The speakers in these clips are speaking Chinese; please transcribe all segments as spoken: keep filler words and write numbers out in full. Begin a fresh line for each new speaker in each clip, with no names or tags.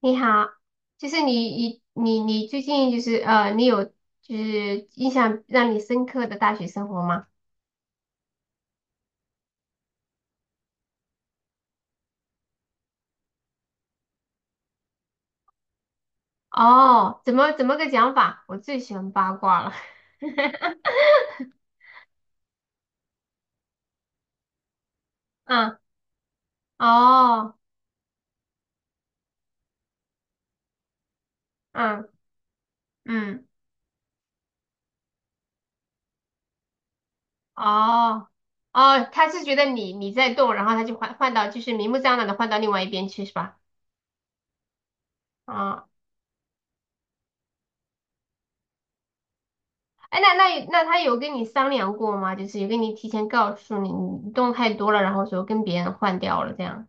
你好，就是你你你你最近就是呃，你有就是印象让你深刻的大学生活吗？哦，怎么怎么个讲法？我最喜欢八卦了。嗯，哦，嗯嗯，哦哦，他是觉得你你在动，然后他就换换到就是明目张胆的换到另外一边去是吧？啊，哎，那那那他有跟你商量过吗？就是有跟你提前告诉你你动太多了，然后说跟别人换掉了这样。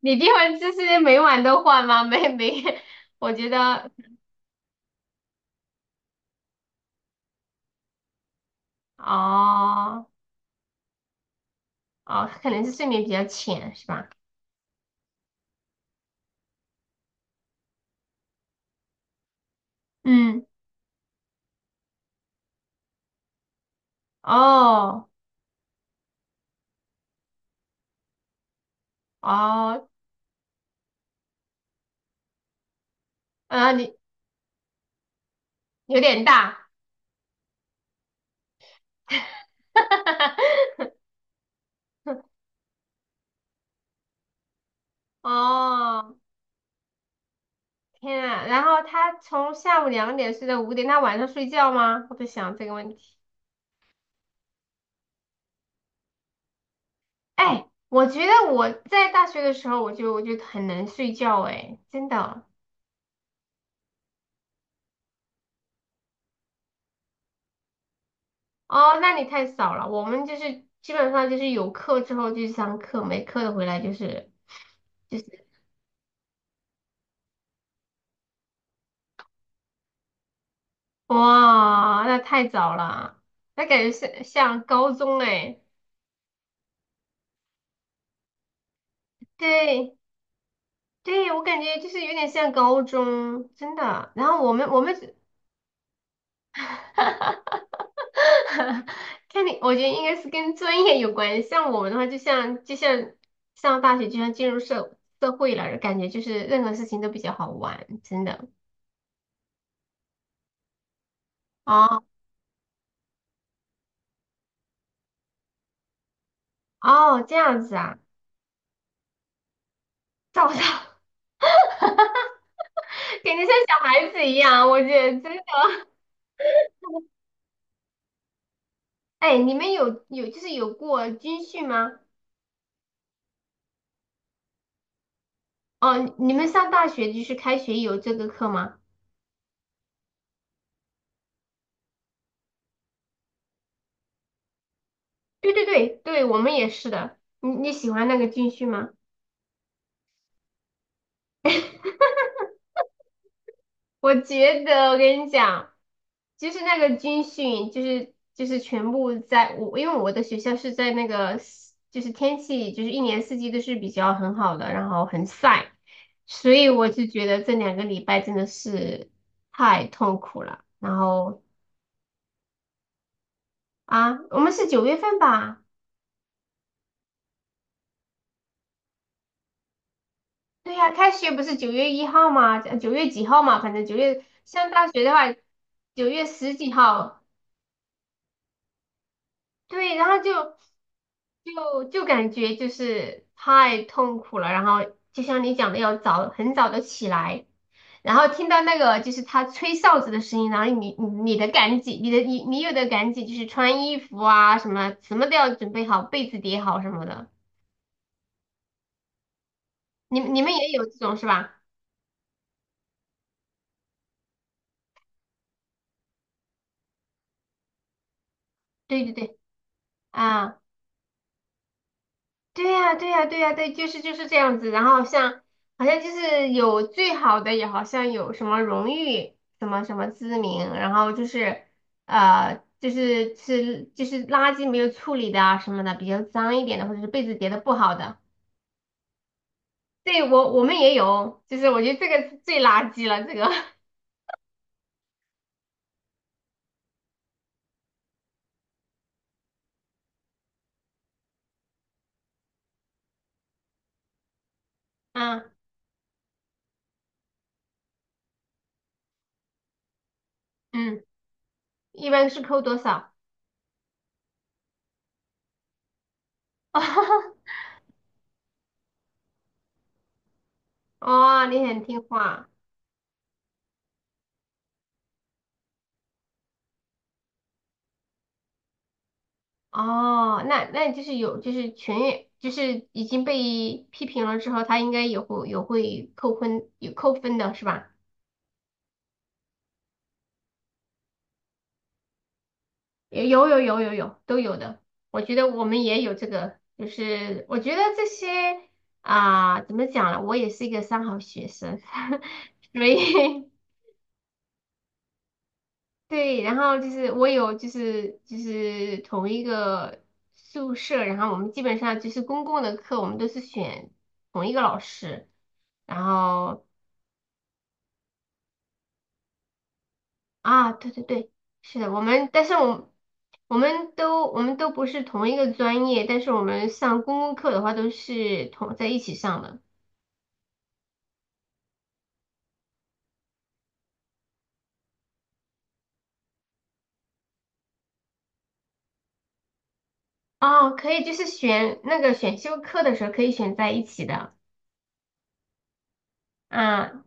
你这会儿就是每晚都换吗？没没，我觉得哦哦，可能是睡眠比较浅是吧？嗯，哦哦，呃，你有点大，哦，天啊！然后他从下午两点睡到五点，他晚上睡觉吗？我在想这个问题。哎，我觉得我在大学的时候，我就我就很能睡觉，哎，真的。哦，那你太少了。我们就是基本上就是有课之后就去上课，没课的回来就是就是哇，那太早了，那感觉像像高中哎。对对，我感觉就是有点像高中，真的。然后我们我们 看你，我觉得应该是跟专业有关系。像我们的话，就像就像上大学，就像进入社社会了，感觉就是任何事情都比较好玩，真的。哦哦，这样子啊。早上 感觉像小孩子一样，我觉得真的。哎，你们有有就是有过军训吗？哦，你们上大学就是开学有这个课吗？对对对对，我们也是的。你你喜欢那个军训吗？我觉得我跟你讲，就是那个军训，就是就是全部在我，因为我的学校是在那个四就是天气就是一年四季都是比较很好的，然后很晒，所以我就觉得这两个礼拜真的是太痛苦了。然后啊，我们是九月份吧？对呀，开学不是九月一号吗？呃九月几号嘛？反正九月，上大学的话，九月十几号。对，然后就就就感觉就是太痛苦了，然后就像你讲的，要早很早的起来，然后听到那个就是他吹哨子的声音，然后你你你的赶紧，你的你你有的赶紧就是穿衣服啊什么什么都要准备好，被子叠好什么的，你你们也有这种是吧？对对对，啊。对呀，对呀，对呀，对，就是就是这样子。然后像好像就是有最好的，也好像有什么荣誉，什么什么知名，然后就是呃，就是是就是垃圾没有处理的啊什么的，比较脏一点的，或者是被子叠的不好的。对，我我们也有，就是我觉得这个是最垃圾了，这个，嗯嗯，一般是扣多少？哦，你很听话。哦，那那就是有，就是全员，就是已经被批评了之后，他应该也会有会扣分，有扣分的是吧？有有有有有有都有的，我觉得我们也有这个，就是我觉得这些啊、怎么讲呢？我也是一个三好学生，所以对，然后就是我有就是就是同一个宿舍，然后我们基本上就是公共的课，我们都是选同一个老师。然后啊，对对对，是的，我们，但是我我们都我们都不是同一个专业，但是我们上公共课的话都是同在一起上的。哦，可以，就是选那个选修课的时候可以选在一起的。啊，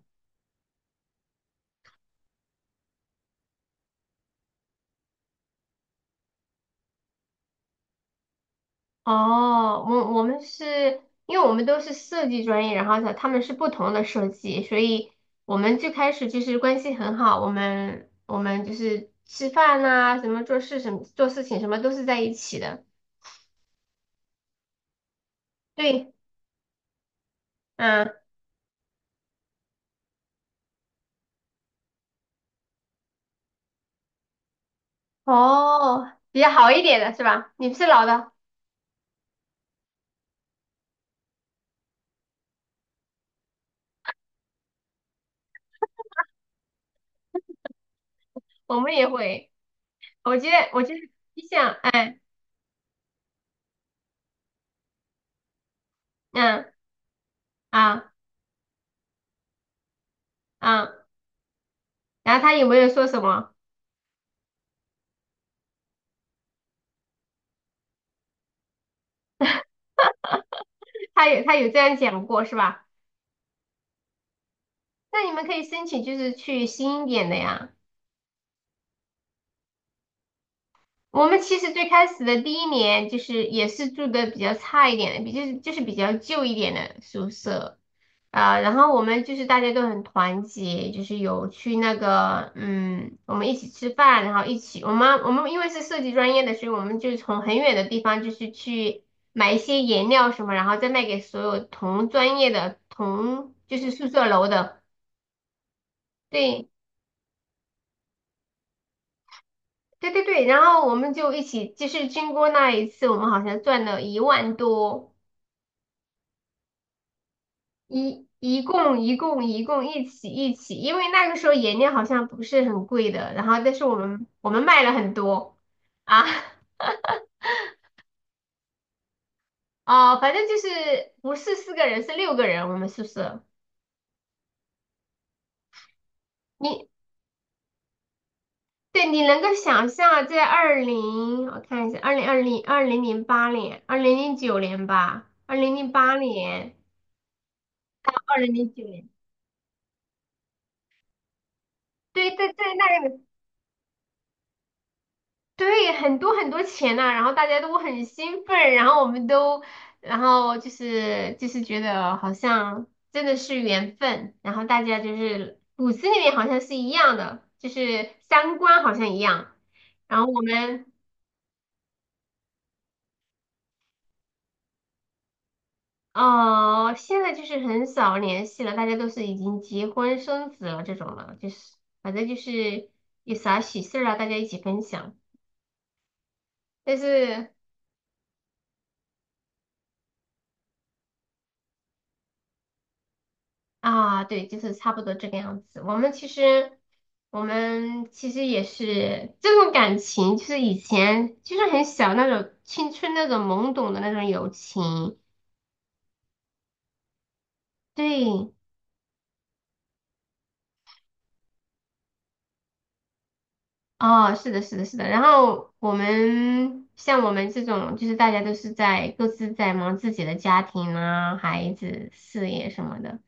哦，我我们是因为我们都是设计专业，然后呢他们是不同的设计，所以我们最开始就是关系很好，我们我们就是吃饭呐、什么做事什么做事情什么都是在一起的。对。嗯哦，比较好一点的是吧？你是老的，我们也会。我记得，我记得你想，哎，嗯啊啊，然后他有没有说什么？他有，他有这样讲过是吧？那你们可以申请，就是去新一点的呀。我们其实最开始的第一年，就是也是住的比较差一点的，比就是就是比较旧一点的宿舍。啊，然后我们就是大家都很团结，就是有去那个，嗯，我们一起吃饭，然后一起，我们我们因为是设计专业的，所以我们就从很远的地方就是去买一些颜料什么，然后再卖给所有同专业的同就是宿舍楼的，对对对对，然后我们就一起，就是经过那一次，我们好像赚了一万多。一一共一共一共一起一起，因为那个时候颜料好像不是很贵的，然后但是我们我们卖了很多啊哦，反正就是不是四个人是六个人，我们宿舍你对你能够想象在二零我看一下二零二零二零零八年二零零九年吧二零零八年二零零九年对对对那个。对，很多很多钱呐、然后大家都很兴奋，然后我们都，然后就是就是觉得好像真的是缘分，然后大家就是骨子里面好像是一样的，就是三观好像一样。然后我们哦、呃现在就是很少联系了，大家都是已经结婚生子了这种了，就是反正就是有啥喜事儿啊，大家一起分享。但是啊，对，就是差不多这个样子。我们其实，我们其实也是这种感情，就是以前就是很小那种青春那种懵懂的那种友情。对，哦，是的，是的，是的。然后我们像我们这种，就是大家都是在各自在忙自己的家庭啊、孩子、事业什么的，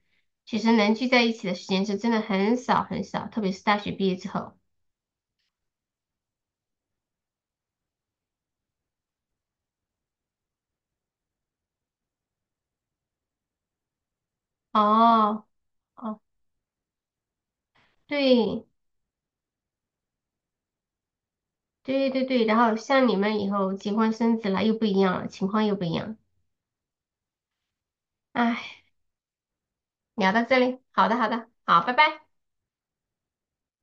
其实能聚在一起的时间是真的很少很少，特别是大学毕业之后。哦，哦，对。对对对，然后像你们以后结婚生子了又不一样了，情况又不一样。哎，聊到这里，好的好的，好，拜拜。